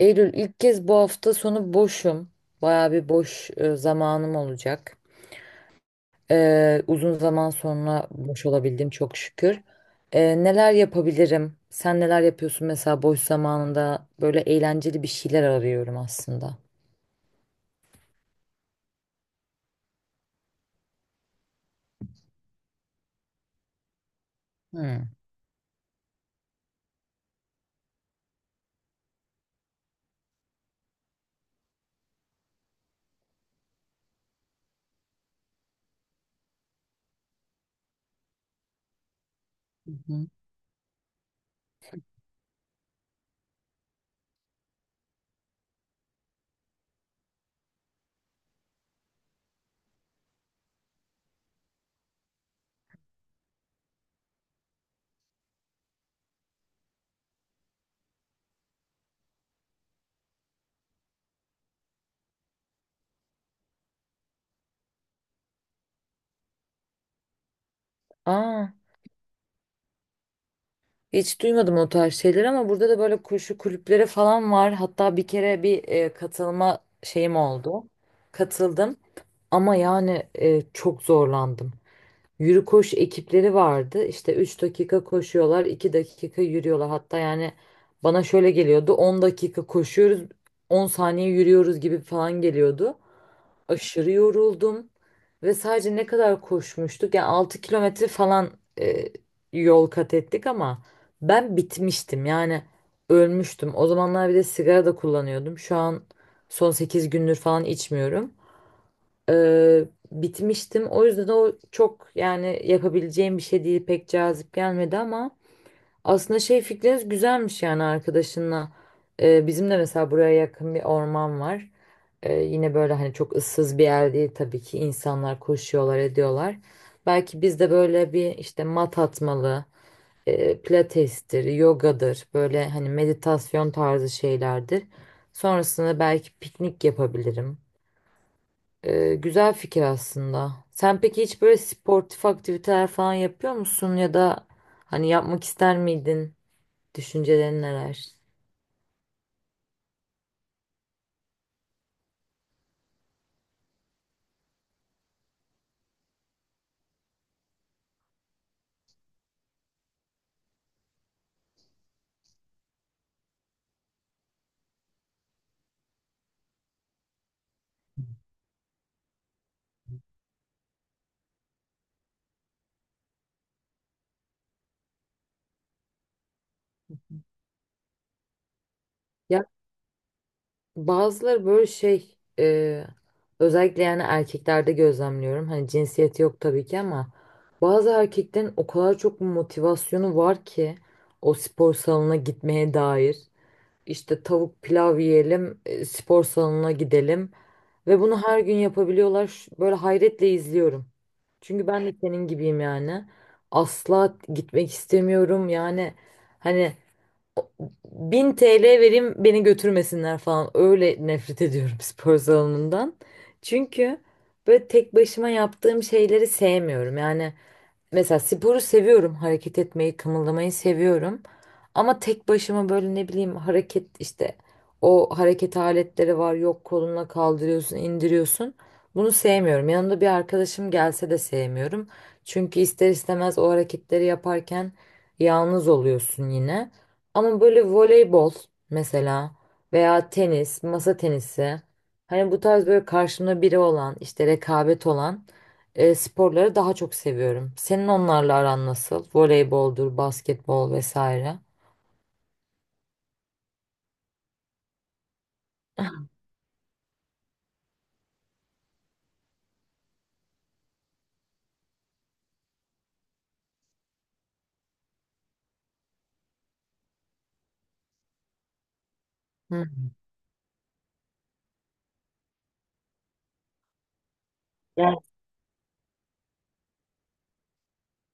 Eylül ilk kez bu hafta sonu boşum. Bayağı bir boş zamanım olacak. Uzun zaman sonra boş olabildim çok şükür. Neler yapabilirim? Sen neler yapıyorsun mesela boş zamanında? Böyle eğlenceli bir şeyler arıyorum aslında. Hmm. Hı hı. Aa, hiç duymadım o tarz şeyler ama burada da böyle koşu kulüpleri falan var. Hatta bir kere bir katılma şeyim oldu. Katıldım ama yani çok zorlandım. Yürü koş ekipleri vardı. İşte 3 dakika koşuyorlar, 2 dakika yürüyorlar. Hatta yani bana şöyle geliyordu. 10 dakika koşuyoruz, 10 saniye yürüyoruz gibi falan geliyordu. Aşırı yoruldum ve sadece ne kadar koşmuştuk? Yani 6 kilometre falan e, yol kat ettik ama ben bitmiştim. Yani ölmüştüm. O zamanlar bir de sigara da kullanıyordum. Şu an son 8 gündür falan içmiyorum. Ee, Bitmiştim. O yüzden o çok yani yapabileceğim bir şey değil, pek cazip gelmedi ama aslında şey, fikriniz güzelmiş yani arkadaşınla. Bizim de mesela buraya yakın bir orman var. Yine böyle hani çok ıssız bir yer değil, tabii ki insanlar koşuyorlar ediyorlar. Belki biz de böyle bir işte mat atmalı, pilatestir, yogadır, böyle hani meditasyon tarzı şeylerdir. Sonrasında belki piknik yapabilirim. Güzel fikir aslında. Sen peki hiç böyle sportif aktiviteler falan yapıyor musun, ya da hani yapmak ister miydin? Düşüncelerin neler? Ya bazıları böyle şey, özellikle yani erkeklerde gözlemliyorum. Hani cinsiyeti yok tabii ki ama bazı erkeklerin o kadar çok motivasyonu var ki o spor salonuna gitmeye dair. İşte tavuk pilav yiyelim, spor salonuna gidelim ve bunu her gün yapabiliyorlar. Böyle hayretle izliyorum. Çünkü ben de senin gibiyim yani. Asla gitmek istemiyorum yani. Hani o- 1000 TL vereyim beni götürmesinler falan. Öyle nefret ediyorum spor salonundan. Çünkü böyle tek başıma yaptığım şeyleri sevmiyorum. Yani mesela sporu seviyorum. Hareket etmeyi, kımıldamayı seviyorum. Ama tek başıma böyle ne bileyim hareket işte, o hareket aletleri var. Yok, kolunla kaldırıyorsun, indiriyorsun. Bunu sevmiyorum. Yanımda bir arkadaşım gelse de sevmiyorum. Çünkü ister istemez o hareketleri yaparken yalnız oluyorsun yine. Ama böyle voleybol mesela, veya tenis, masa tenisi. Hani bu tarz böyle karşımda biri olan, işte rekabet olan sporları daha çok seviyorum. Senin onlarla aran nasıl? Voleyboldur, basketbol vesaire. Hı. Yani,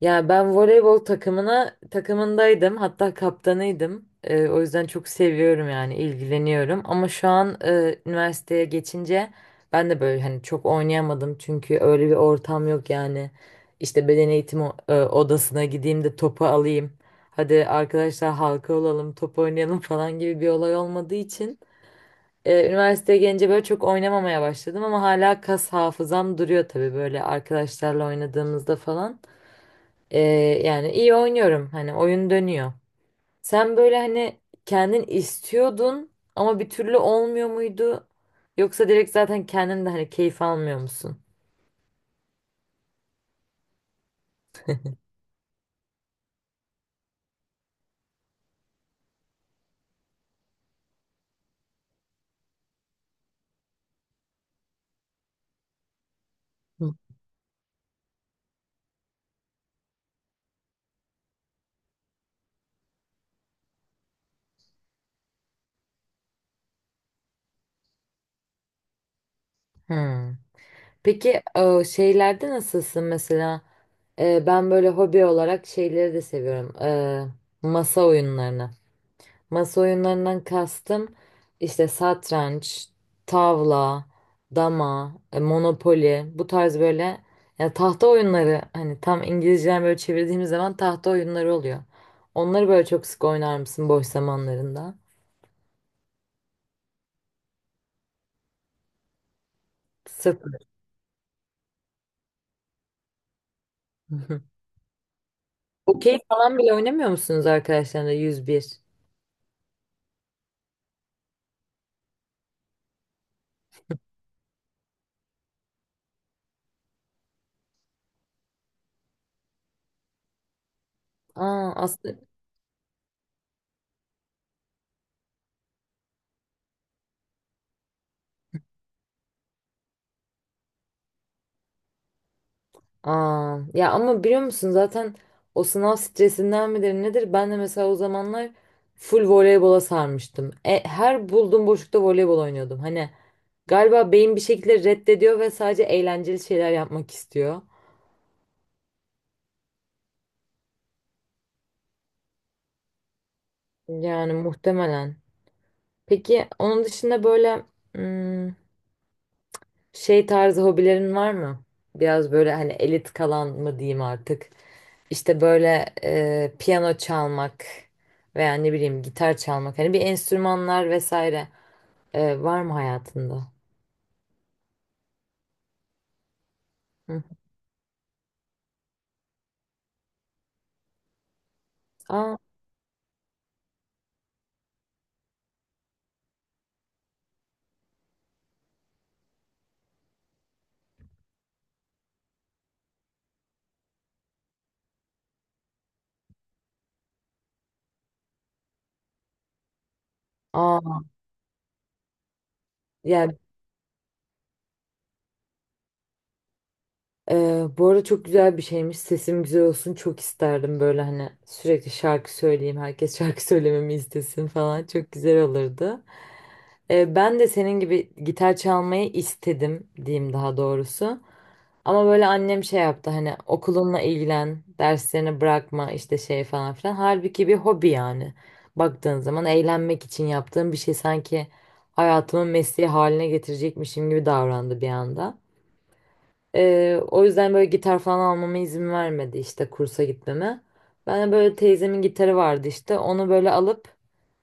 ya ben voleybol takımındaydım, hatta kaptanıydım. O yüzden çok seviyorum yani ilgileniyorum. Ama şu an üniversiteye geçince ben de böyle hani çok oynayamadım çünkü öyle bir ortam yok yani. İşte beden eğitimi odasına gideyim de topu alayım. Hadi arkadaşlar halka olalım, top oynayalım falan gibi bir olay olmadığı için. Üniversiteye gelince böyle çok oynamamaya başladım ama hala kas hafızam duruyor tabii, böyle arkadaşlarla oynadığımızda falan. Ee, Yani iyi oynuyorum, hani oyun dönüyor. Sen böyle hani kendin istiyordun ama bir türlü olmuyor muydu? Yoksa direkt zaten kendin de hani keyif almıyor musun? Hı. Hmm. Peki o şeylerde nasılsın mesela? Ben böyle hobi olarak şeyleri de seviyorum. Masa oyunlarını. Masa oyunlarından kastım işte satranç, tavla, dama, monopoli, bu tarz böyle, ya tahta oyunları, hani tam İngilizceden böyle çevirdiğimiz zaman tahta oyunları oluyor. Onları böyle çok sık oynar mısın boş zamanlarında? Sıfır. Okey falan bile oynamıyor musunuz arkadaşlarla, 101? Aa, aslında, aa, ya ama biliyor musun zaten o sınav stresinden midir nedir? Ben de mesela o zamanlar full voleybola sarmıştım. E, her bulduğum boşlukta voleybol oynuyordum. Hani galiba beyin bir şekilde reddediyor ve sadece eğlenceli şeyler yapmak istiyor. Yani muhtemelen. Peki onun dışında böyle, hmm, şey tarzı hobilerin var mı? Biraz böyle hani elit kalan mı diyeyim artık? İşte böyle piyano çalmak veya ne bileyim gitar çalmak, hani bir enstrümanlar vesaire, var mı hayatında? Hı. Aa, aa yani Bu arada çok güzel bir şeymiş, sesim güzel olsun çok isterdim, böyle hani sürekli şarkı söyleyeyim, herkes şarkı söylememi istesin falan, çok güzel olurdu. E, ben de senin gibi gitar çalmayı istedim diyeyim, daha doğrusu. Ama böyle annem şey yaptı, hani okulunla ilgilen, derslerini bırakma işte, şey falan filan. Halbuki bir hobi yani. Baktığın zaman eğlenmek için yaptığım bir şey, sanki hayatımın mesleği haline getirecekmişim gibi davrandı bir anda. O yüzden böyle gitar falan almama izin vermedi, işte kursa gitmeme. Ben de böyle teyzemin gitarı vardı, işte onu böyle alıp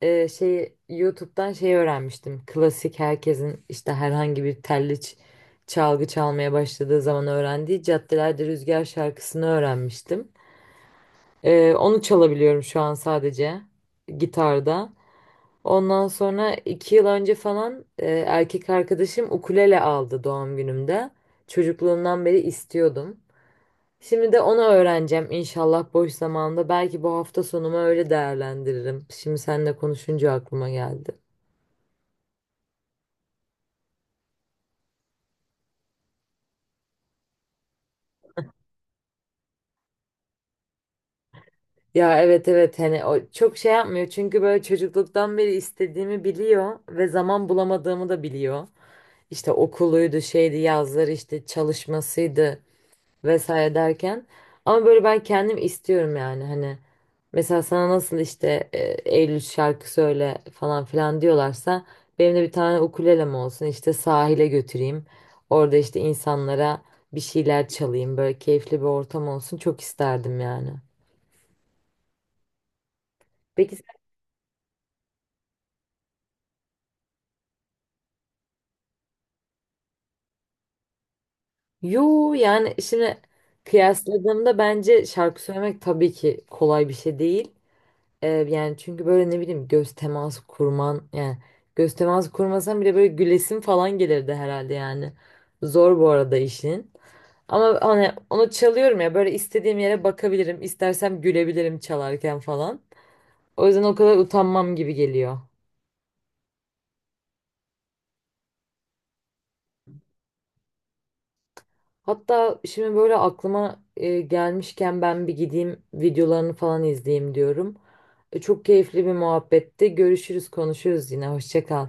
YouTube'dan öğrenmiştim. Klasik herkesin işte herhangi bir telli çalgı çalmaya başladığı zaman öğrendiği Caddelerde Rüzgar şarkısını öğrenmiştim. E, onu çalabiliyorum şu an sadece gitarda. Ondan sonra 2 yıl önce falan erkek arkadaşım ukulele aldı doğum günümde. Çocukluğumdan beri istiyordum. Şimdi de onu öğreneceğim inşallah boş zamanında. Belki bu hafta sonumu öyle değerlendiririm. Şimdi seninle konuşunca aklıma geldi. Ya evet evet, hani o çok şey yapmıyor çünkü böyle çocukluktan beri istediğimi biliyor ve zaman bulamadığımı da biliyor. İşte okuluydu, şeydi, yazları işte çalışmasıydı vesaire derken, ama böyle ben kendim istiyorum yani, hani mesela sana nasıl işte Eylül şarkı söyle falan filan diyorlarsa, benim de bir tane ukulelem olsun, işte sahile götüreyim, orada işte insanlara bir şeyler çalayım, böyle keyifli bir ortam olsun çok isterdim yani. Peki, yo yani şimdi kıyasladığımda bence şarkı söylemek tabii ki kolay bir şey değil. Yani çünkü böyle ne bileyim göz teması kurman yani, göz teması kurmasan bile böyle gülesin falan gelirdi herhalde yani. Zor bu arada işin. Ama hani onu çalıyorum ya, böyle istediğim yere bakabilirim, istersem gülebilirim çalarken falan. O yüzden o kadar utanmam gibi geliyor. Hatta şimdi böyle aklıma gelmişken, ben bir gideyim videolarını falan izleyeyim diyorum. E, çok keyifli bir muhabbetti. Görüşürüz, konuşuruz yine. Hoşça kal.